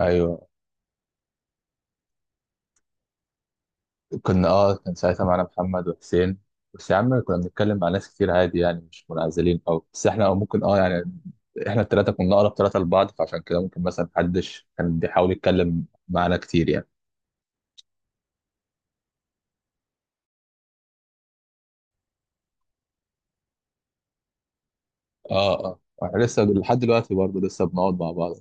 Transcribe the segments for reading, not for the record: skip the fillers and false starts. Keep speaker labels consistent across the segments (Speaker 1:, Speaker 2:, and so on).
Speaker 1: ايوه. كنا اه كان ساعتها معانا محمد وحسين. بس يا عم، كنا بنتكلم مع ناس كتير عادي، يعني مش منعزلين، او بس احنا، او ممكن، يعني احنا الثلاثه كنا اقرب ثلاثه لبعض، فعشان كده ممكن مثلا محدش كان بيحاول يتكلم معانا كتير يعني. اه اه، احنا لسه لحد دلوقتي برضه لسه بنقعد مع بعض.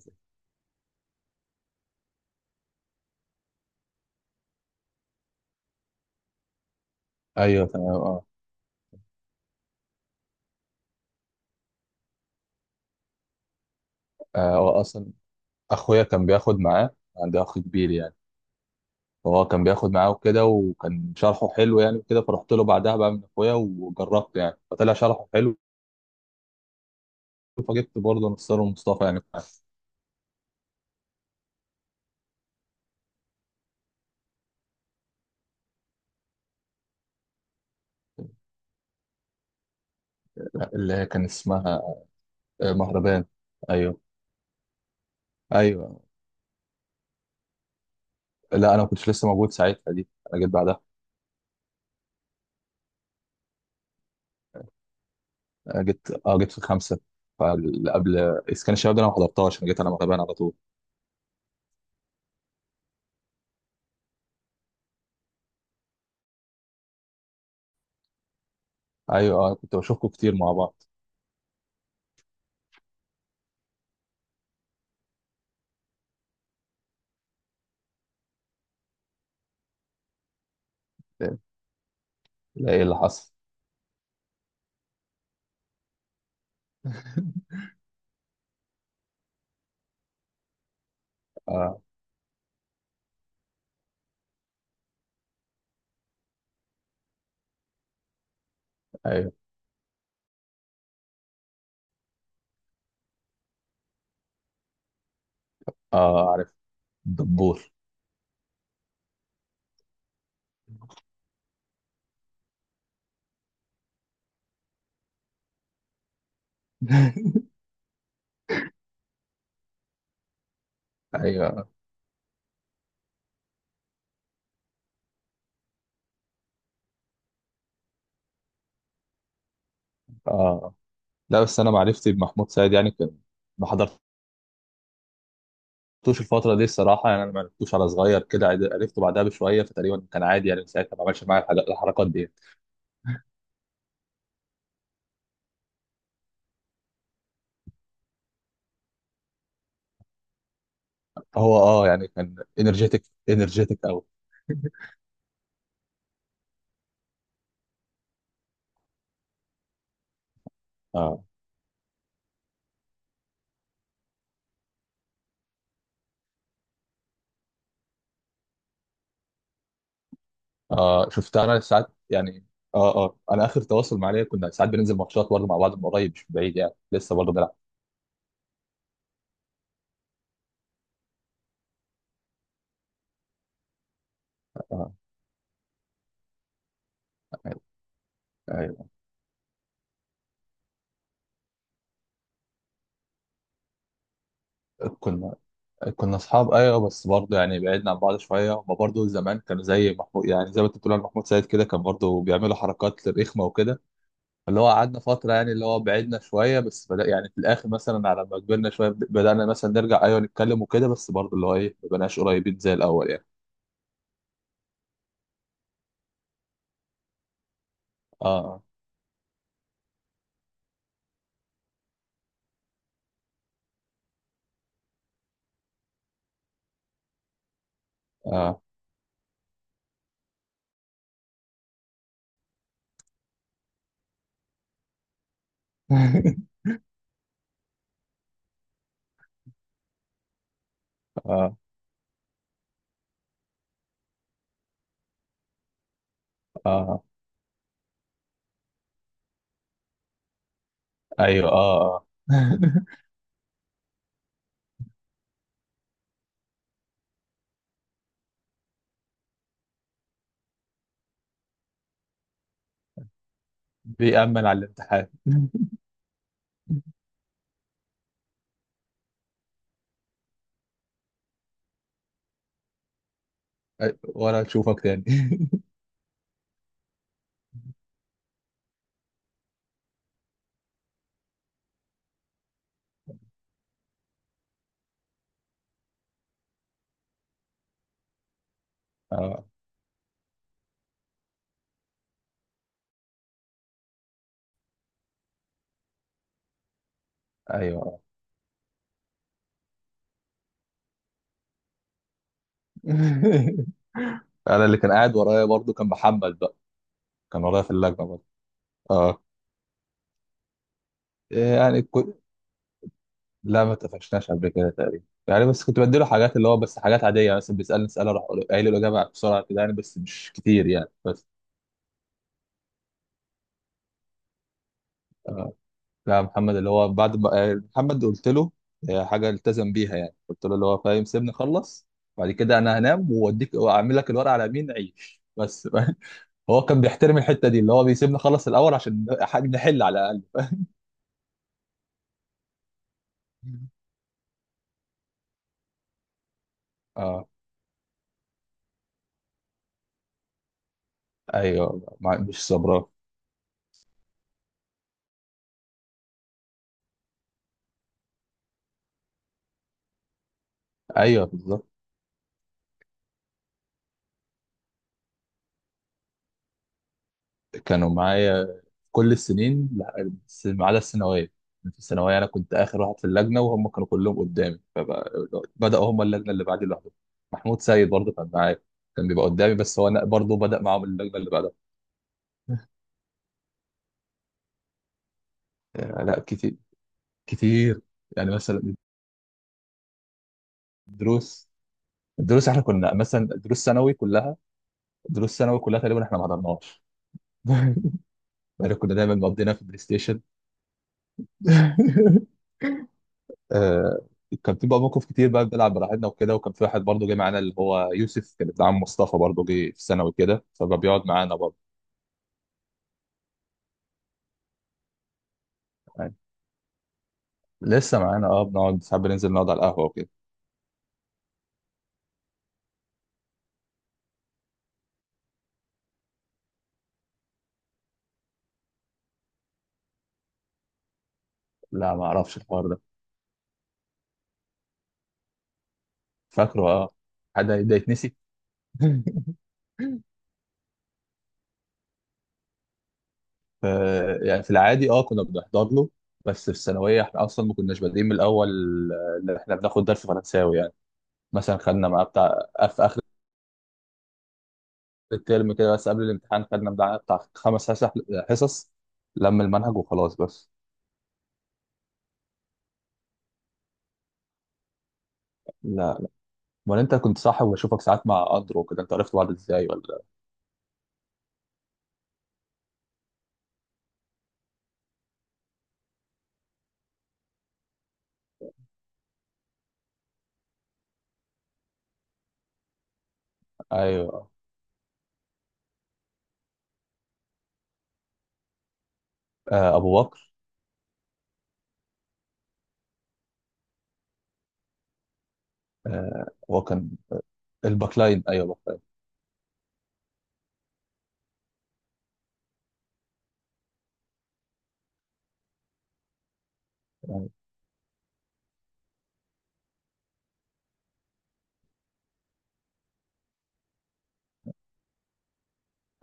Speaker 1: ايوه تمام اه. آه، هو اصلا اخويا كان بياخد معاه، عندي اخ كبير يعني، فهو كان بياخد معاه وكده، وكان شرحه حلو يعني كده، فرحت له بعدها بقى من اخويا وجربت، يعني فطلع شرحه حلو، فجبت برضه نصار ومصطفى يعني. اللي هي كان اسمها مهربان. ايوه ايوه. لا، انا ما كنتش لسه موجود ساعتها دي، انا جيت بعدها. أنا جيت في خمسه، فقبل اسكان الشباب ده انا ما حضرتهاش، انا جيت على مهربان على طول. ايوه اه، كنت بشوفكم كتير مع بعض. لا، ايه اللي حصل؟ اه ايوه اه، عارف، دبور. ايوه اه. لا، بس انا معرفتي بمحمود سعيد يعني كان، ما حضرت لعبتوش الفترة دي الصراحة، يعني أنا ما لعبتوش على صغير كده، عرفته بعدها بشوية، فتقريبا كان عادي يعني، من ساعتها ما عملش معايا الحركات دي. هو يعني كان إنرجيتك، إنرجيتك أوي. أه أه، شفتها أنا ساعات يعني. أه أه، أنا آخر تواصل معايا كنا ساعات بننزل ماتشات برضه مع بعض من قريب، مش من بعيد، يعني لسه برضه بنلعب. أه أيوه أيوه. كنا كنا أصحاب أيوه، بس برضه يعني بعدنا عن بعض شوية، هما برضه زمان كانوا زي محمود، يعني زي ما أنت بتقول على محمود سيد كده، كان برضه بيعملوا حركات رخمة وكده، اللي هو قعدنا فترة، يعني اللي هو بعدنا شوية، بس بدأ يعني في الآخر مثلا على ما كبرنا شوية، بدأنا مثلا نرجع أيوة نتكلم وكده، بس برضه اللي هو إيه ما بقناش قريبين زي الأول يعني. آه آه. آه آه أيوة آه آه. بيأمل على الامتحان. ولا أشوفك تاني. آه أيوة آه. أنا اللي كان قاعد ورايا برضه كان محمد بقى، كان ورايا في اللجنة برضه آه. يعني لا، ما اتفقناش قبل كده تقريبا يعني، بس كنت بديله حاجات، اللي هو بس حاجات عادية، يعني مثلا بيسألني اسئلة اروح قايل له الإجابة بسرعة كده، يعني بس مش كتير يعني بس. لا، محمد اللي هو بعد ما محمد قلت له حاجة التزم بيها، يعني قلت له اللي هو فاهم سيبني اخلص، بعد كده انا هنام واديك واعمل لك الورقة على مين عيش بس. هو كان بيحترم الحتة دي، اللي هو بيسيبني اخلص الأول عشان نحل على الأقل. اه ايوه، مش صبران. ايوه بالظبط. كانوا معايا كل السنين، لا، بس ما عدا الثانويه. في الثانويه انا كنت اخر واحد في اللجنه، وهم كانوا كلهم قدامي، فبداوا هم اللجنه اللي بعدي لوحدهم. محمود سيد برضه كان معايا، كان بيبقى قدامي، بس هو انا برضه بدا معاهم اللجنه اللي بعدها. آه، لا، كتير كتير. يعني مثلا الدروس الدروس احنا كنا مثلا دروس ثانوي كلها تقريبا احنا ما حضرناش. يعني كنا دايما مقضينا في البلاي ستيشن. آه، كان في بقى موقف كتير بقى بنلعب براحتنا وكده، وكان في واحد برضه جه معانا، اللي هو يوسف كان ابن عم مصطفى، برضه جه في ثانوي كده فبقى بيقعد معانا برضه يعني. لسه معانا بنقعد ساعات بننزل نقعد على القهوه وكده. لا، ما اعرفش الحوار ده. فاكره اه. حد ده يتنسي؟ ف- يعني في العادي كنا بنحضر له، بس في الثانويه احنا اصلا ما كناش بادئين من الاول، اللي احنا بناخد درس فرنساوي يعني، مثلا خدنا معاه بتاع في اخر الترم كده، بس قبل الامتحان خدنا بتاع خمس حصص لم المنهج وخلاص بس. لا. امال انت كنت صاحب وبشوفك ساعات مع اندرو كده، انت عرفت بعض ازاي ولا؟ ايوه آه، ابو بكر. آه، هو كان الباكلاين، ايوه، باكلاين.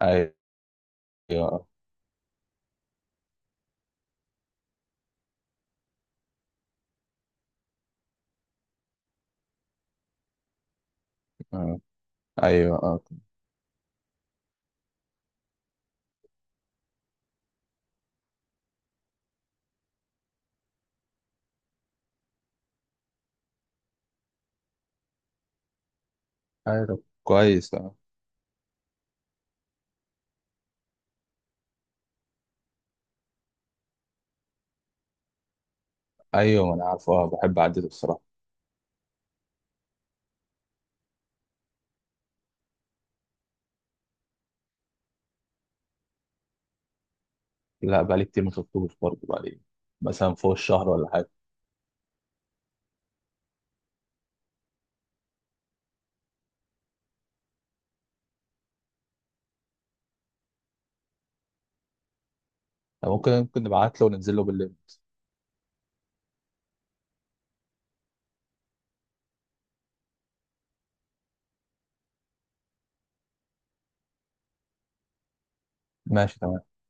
Speaker 1: ايوه آه، ايوه آه. ايوه طب كويس آه. ايوه ما انا عارفه آه، بحب اعدله الصراحه. لا، بقالي كتير ما شفتوش برضه، بقالي مثلا فوق الشهر ولا حاجه. ممكن نبعت له وننزل له بالليل. ماشي تمام.